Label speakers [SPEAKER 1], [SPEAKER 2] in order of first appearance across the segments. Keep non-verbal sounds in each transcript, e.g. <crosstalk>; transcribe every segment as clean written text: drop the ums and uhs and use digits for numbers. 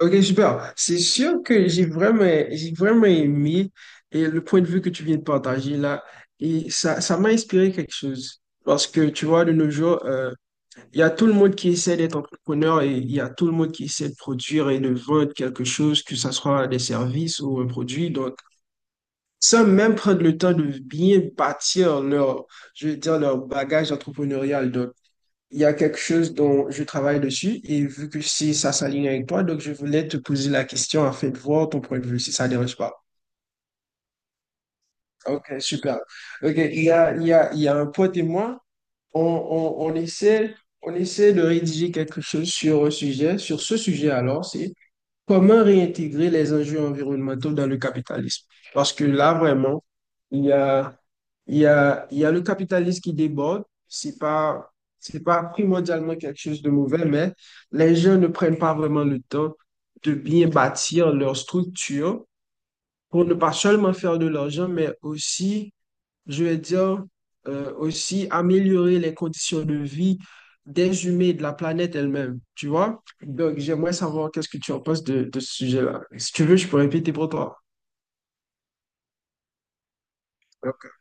[SPEAKER 1] Ok, super. C'est sûr que j'ai vraiment aimé et le point de vue que tu viens de partager là. Et ça m'a inspiré quelque chose. Parce que tu vois, de nos jours, il y a tout le monde qui essaie d'être entrepreneur et il y a tout le monde qui essaie de produire et de vendre quelque chose, que ce soit des services ou un produit. Donc, sans même prendre le temps de bien bâtir leur, je veux dire, leur bagage entrepreneurial. Donc, il y a quelque chose dont je travaille dessus et vu que si ça s'aligne avec toi, donc je voulais te poser la question afin de voir ton point de vue, si ça ne dérange pas. Ok, super. Ok, il y a, il y a, il y a un pote et moi, on, on, on essaie, on essaie de rédiger quelque chose sur un sujet, sur ce sujet alors, c'est: comment réintégrer les enjeux environnementaux dans le capitalisme? Parce que là, vraiment, il y a, il y a le capitalisme qui déborde. C'est pas primordialement quelque chose de mauvais, mais les gens ne prennent pas vraiment le temps de bien bâtir leur structure pour ne pas seulement faire de l'argent, mais aussi, je veux dire, aussi améliorer les conditions de vie des humains et de la planète elle-même, tu vois? Donc, j'aimerais savoir qu'est-ce que tu en penses de ce sujet-là. Si tu veux, je peux répéter pour toi. Ok.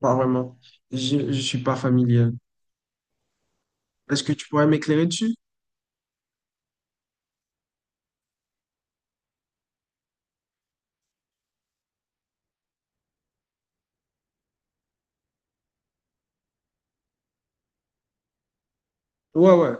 [SPEAKER 1] Pas vraiment. Je ne suis pas familier. Est-ce que tu pourrais m'éclairer dessus? Ouais, ouais.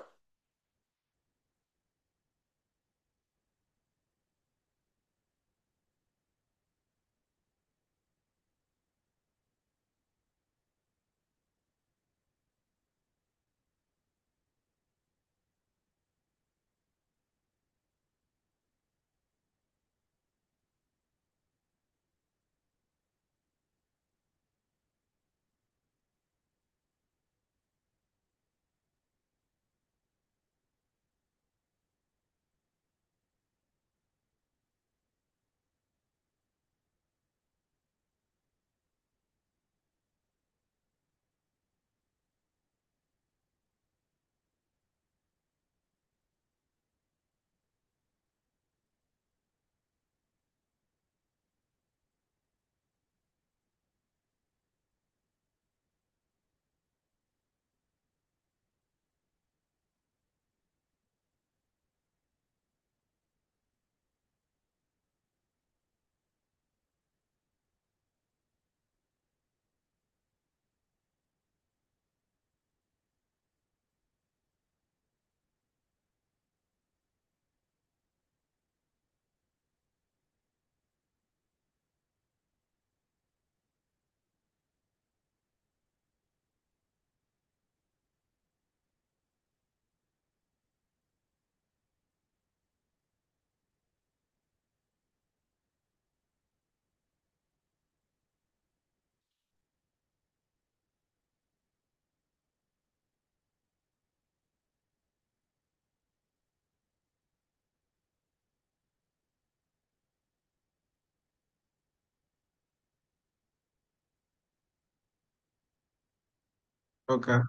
[SPEAKER 1] Ok. Non,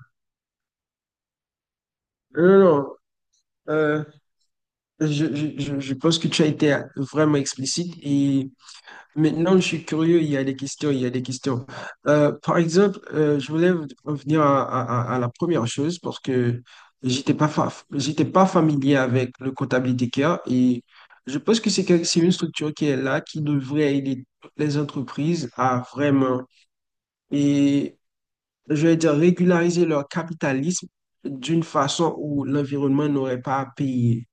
[SPEAKER 1] non, non. Euh, je, je pense que tu as été vraiment explicite. Et maintenant, je suis curieux, il y a des questions, il y a des questions. Par exemple, je voulais revenir à la première chose parce que j'étais pas familier avec le comptabilité care et je pense que c'est une structure qui est là, qui devrait aider toutes les entreprises à vraiment, et je vais dire, régulariser leur capitalisme d'une façon où l'environnement n'aurait pas à payer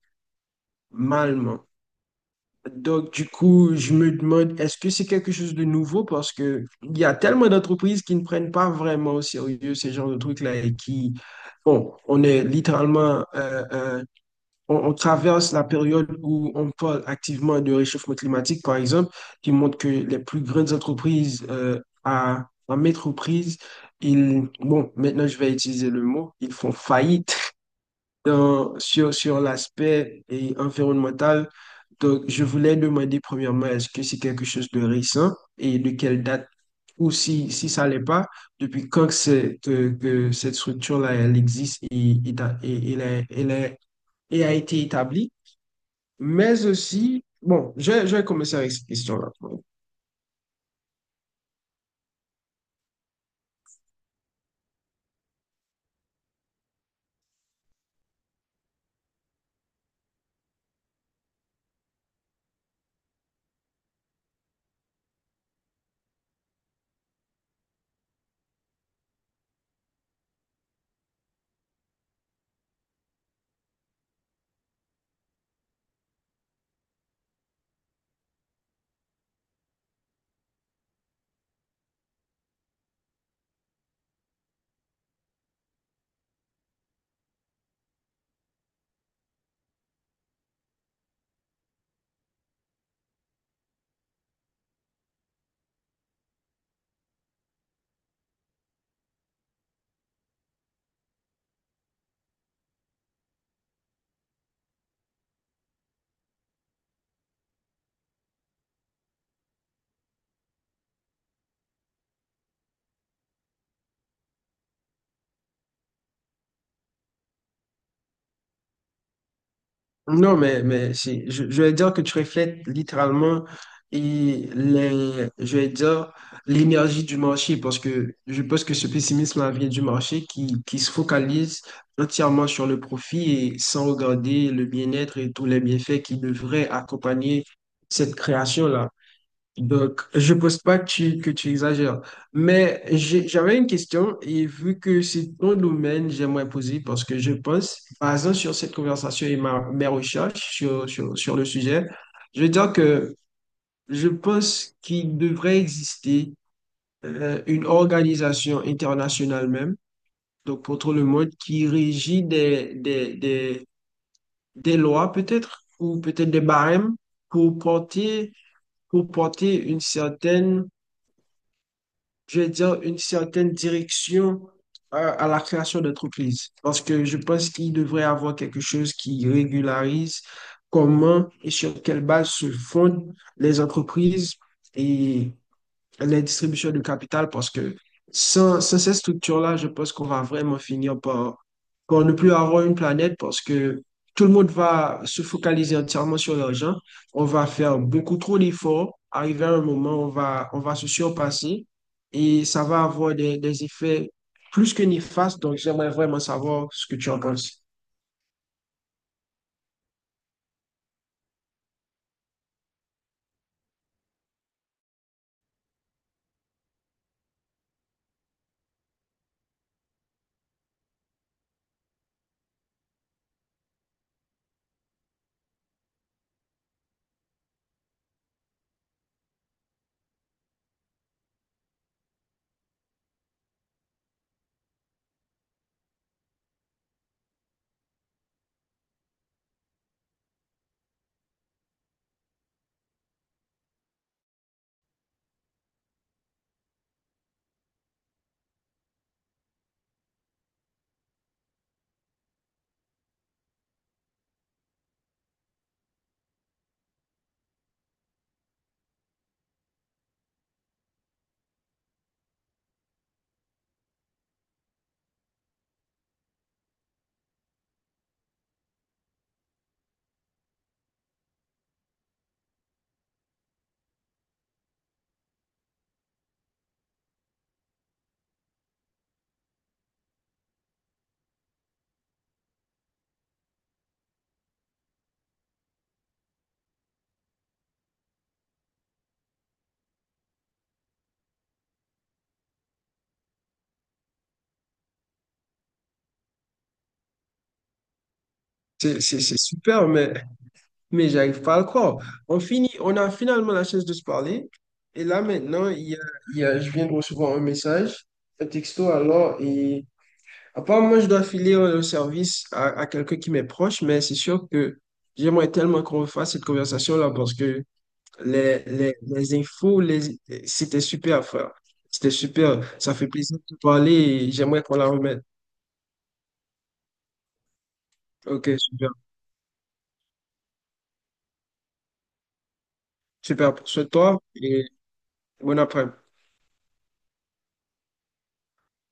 [SPEAKER 1] mal. Donc, du coup, je me demande, est-ce que c'est quelque chose de nouveau? Parce que il y a tellement d'entreprises qui ne prennent pas vraiment au sérieux ce genre de trucs-là et qui, bon, on est littéralement, on traverse la période où on parle activement de réchauffement climatique, par exemple, qui montre que les plus grandes entreprises à, en métroprise, ils, bon, maintenant je vais utiliser le mot, ils font faillite <laughs> sur, sur l'aspect et environnemental. Donc, je voulais demander premièrement, est-ce que c'est quelque chose de récent et de quelle date, ou si, si ça l'est pas, depuis quand que cette structure-là, elle existe et et a été établie. Mais aussi, bon, je vais commencer avec cette question-là. Non, mais si, je vais dire que tu reflètes littéralement et les, je vais dire, l'énergie du marché parce que je pense que ce pessimisme vient du marché qui se focalise entièrement sur le profit et sans regarder le bien-être et tous les bienfaits qui devraient accompagner cette création-là. Donc, je ne pense pas que tu, que tu exagères. Mais j'avais une question et vu que c'est ton domaine, j'aimerais poser parce que je pense, basant sur cette conversation et ma, mes recherches sur le sujet, je veux dire que je pense qu'il devrait exister une organisation internationale même, donc pour tout le monde, qui régit des lois peut-être ou peut-être des barèmes pour porter, pour porter une certaine, je vais dire, une certaine direction à la création d'entreprises. Parce que je pense qu'il devrait y avoir quelque chose qui régularise comment et sur quelle base se fondent les entreprises et les distributions de capital parce que sans ces structures-là, je pense qu'on va vraiment finir par, par ne plus avoir une planète parce que tout le monde va se focaliser entièrement sur l'argent. On va faire beaucoup trop d'efforts. Arrivé à un moment, on va se surpasser et ça va avoir des effets plus que néfastes. Donc, j'aimerais vraiment savoir ce que tu en penses. C'est super, mais j'arrive pas à le croire. On finit, on a finalement la chance de se parler. Et là, maintenant, je viens de recevoir un message, un texto alors. Et apparemment, je dois filer le service à quelqu'un qui m'est proche, mais c'est sûr que j'aimerais tellement qu'on fasse cette conversation-là parce que les, les, les infos, les, c'était super, frère. C'était super. Ça fait plaisir de te parler et j'aimerais qu'on la remette. Ok, super. Super. Souhaite-toi et bon après-midi.